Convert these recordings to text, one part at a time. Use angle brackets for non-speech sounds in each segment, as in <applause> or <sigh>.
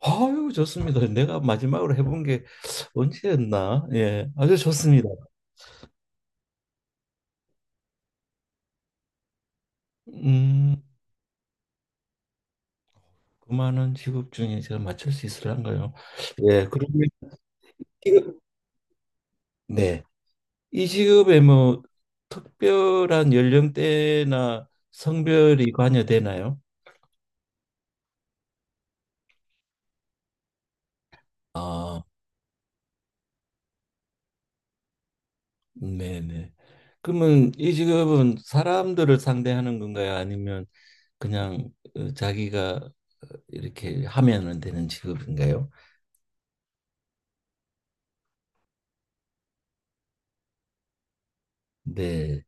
아유, 좋습니다. 내가 마지막으로 해본 게 언제였나? 예, 아주 좋습니다. 음, 그만원 직업 중에 제가 맞출 수 있을런가요? 예, 그리고 직업, 네. 이 직업에 뭐 특별한 연령대나 성별이 관여되나요? 아, 네네. 그러면 이 직업은 사람들을 상대하는 건가요? 아니면 그냥 자기가 이렇게 하면은 되는 직업인가요? 네,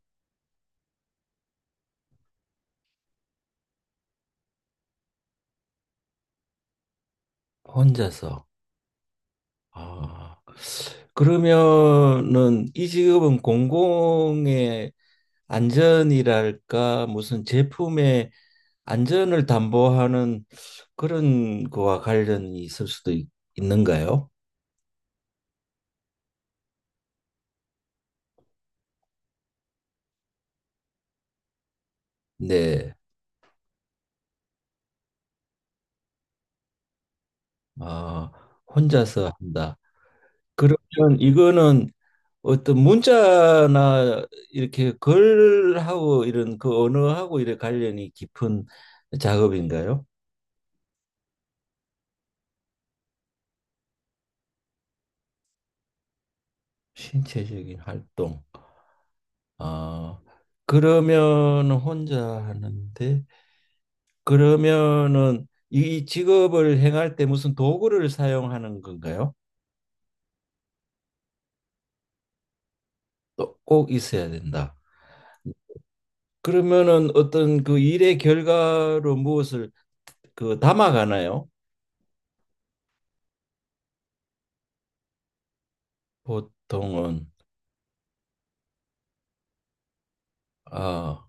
혼자서. 아, 그러면은 이 직업은 공공의 안전이랄까 무슨 제품의 안전을 담보하는 그런 거와 관련이 있을 수도 있, 는가요. 네. 아, 혼자서 한다. 그러면 이거는 어떤 문자나 이렇게 글하고 이런 그 언어하고 이런 관련이 깊은 작업인가요? 신체적인 활동. 아, 그러면 혼자 하는데 그러면은 이 직업을 행할 때 무슨 도구를 사용하는 건가요? 또 꼭 있어야 된다. 그러면은 어떤 그 일의 결과로 무엇을 그 담아가나요? 보통은. 아,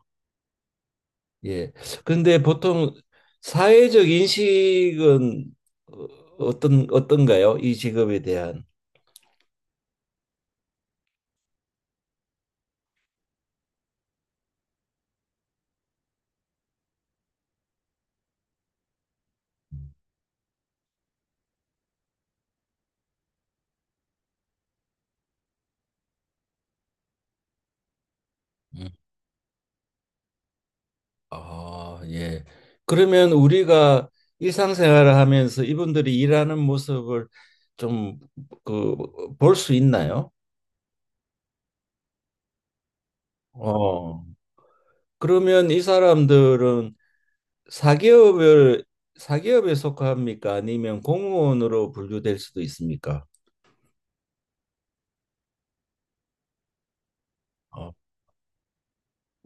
예. 근데 보통 사회적 인식은 어- 어떤 어떤가요? 이 직업에 대한. 아, 예. 그러면 우리가 일상생활을 하면서 이분들이 일하는 모습을 좀 그 볼 수 있나요? 어. 그러면 이 사람들은 사기업을 사기업에 속합니까? 아니면 공무원으로 분류될 수도 있습니까? 어.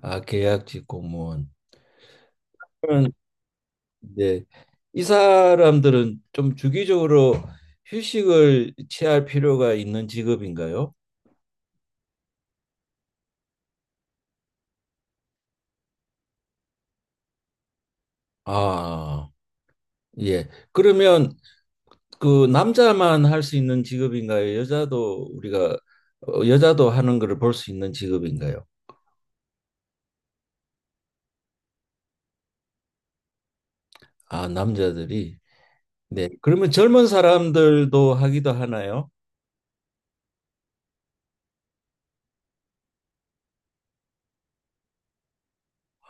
아, 계약직 공무원. 그러면 이제 이 사람들은 좀 주기적으로 휴식을 취할 필요가 있는 직업인가요? 아. 예. 그러면 그 남자만 할 수 있는 직업인가요? 여자도 우리가 여자도 하는 거를 볼 수 있는 직업인가요? 아, 남자들이. 네. 그러면 젊은 사람들도 하기도 하나요?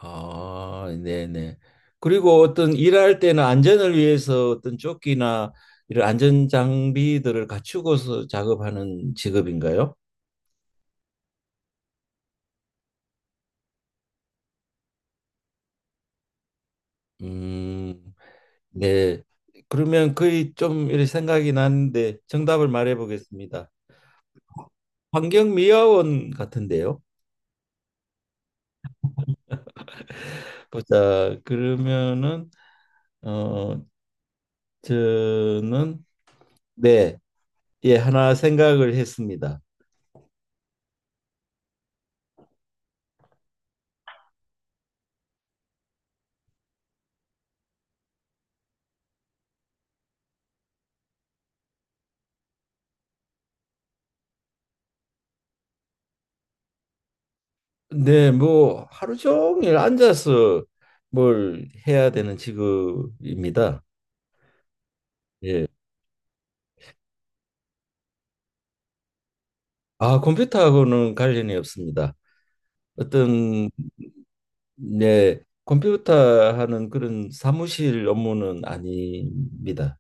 아, 네네. 그리고 어떤 일할 때는 안전을 위해서 어떤 조끼나 이런 안전 장비들을 갖추고서 작업하는 직업인가요? 음, 네. 그러면 거의 좀 이렇게 생각이 나는데 정답을 말해 보겠습니다. 환경미화원 같은데요. 보자. 그러면은 어 저는 네. 예, 하나 생각을 했습니다. 네, 뭐 하루 종일 앉아서 뭘 해야 되는 직업입니다. 예. 아, 컴퓨터하고는 관련이 없습니다. 어떤 네, 컴퓨터 하는 그런 사무실 업무는 아닙니다.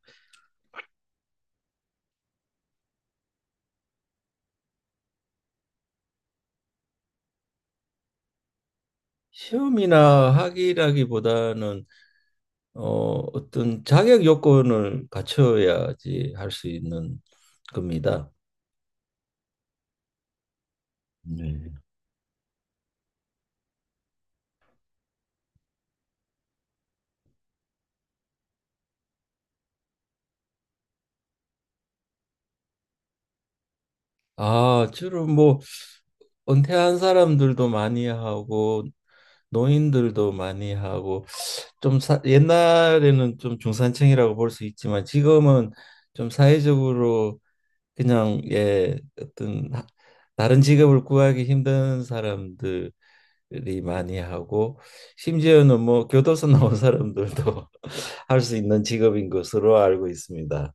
시험이나 학위라기보다는 어떤 자격 요건을 갖춰야지 할 수 있는 겁니다. 네. 아, 주로 뭐 은퇴한 사람들도 많이 하고 노인들도 많이 하고 좀 사, 옛날에는 좀 중산층이라고 볼 수 있지만 지금은 좀 사회적으로 그냥 예 어떤 다른 직업을 구하기 힘든 사람들이 많이 하고 심지어는 뭐 교도소 나온 사람들도 <laughs> 할 수 있는 직업인 것으로 알고 있습니다.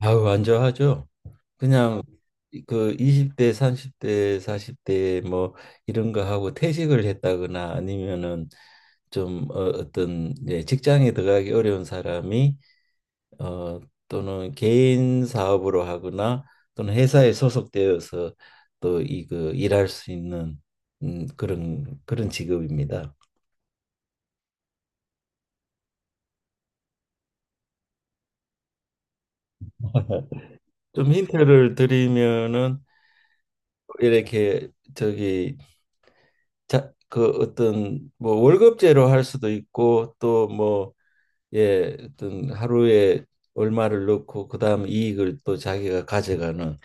아우 안좋아하죠. 그냥 그 20대, 30대, 40대 뭐 이런 거 하고 퇴직을 했다거나 아니면은 좀 어떤 예, 직장에 들어가기 어려운 사람이 어, 또는 개인 사업으로 하거나 또는 회사에 소속되어서 또 이 그 일할 수 있는 그런 직업입니다. <laughs> 좀 힌트를 드리면은 이렇게 저기 자, 그 어떤 뭐 월급제로 할 수도 있고 또뭐 예, 어떤 하루에 얼마를 넣고 그다음 이익을 또 자기가 가져가는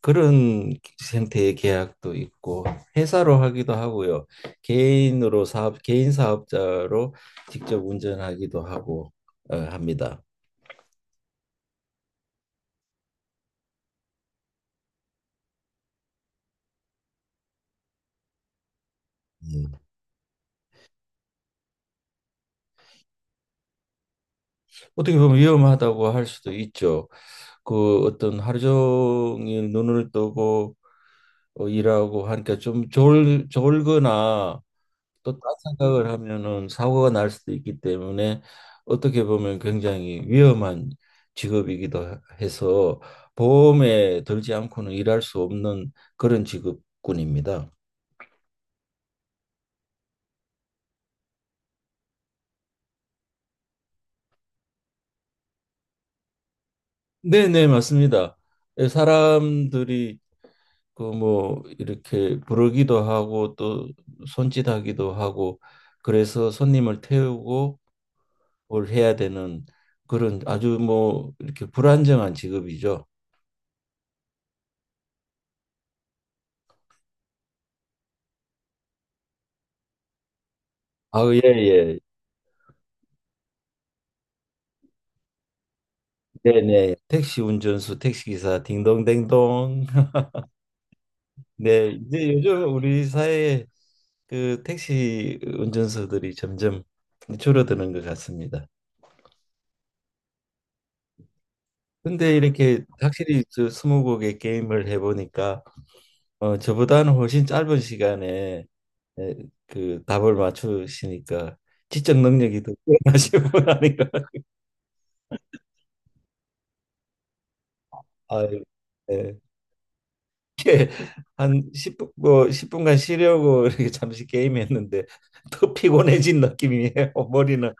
그런 형태의 계약도 있고 회사로 하기도 하고요. 개인으로 사업 개인 사업자로 직접 운전하기도 하고 합니다. 음. 어떻게 보면 위험하다고 할 수도 있죠. 그 어떤 하루 종일 눈을 뜨고 일하고 하니까 좀 졸, 졸거나 또 딴 생각을 하면은 사고가 날 수도 있기 때문에 어떻게 보면 굉장히 위험한 직업이기도 해서 보험에 들지 않고는 일할 수 없는 그런 직업군입니다. 네, 네, 맞습니다. 예, 사람들이 그 뭐 이렇게 부르기도 하고 또 손짓하기도 하고 그래서 손님을 태우고 뭘 해야 되는 그런 아주 뭐 이렇게 불안정한 직업이죠. 아, 예, 예. 네네. 택시 운전수, 택시기사, 딩동댕동. <laughs> 네, 이제 요즘 우리 사회에 그 택시 운전수들이 점점 줄어드는 것 같습니다. 근데 이렇게 확실히 저 스무 곡의 게임을 해보니까 저보다는 훨씬 짧은 시간에 에, 그 답을 맞추시니까 지적 능력이 더 뛰어나신 분 아닌가. <laughs> 아, 이렇게 한 10분 뭐 10분간 쉬려고 이렇게 잠시 게임했는데 더 피곤해진 느낌이에요. 머리는.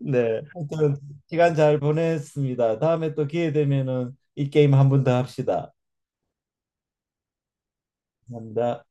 네. 하여튼 시간 잘 보냈습니다. 다음에 또 기회 되면은 이 게임 한 번 더 합시다. 감사합니다.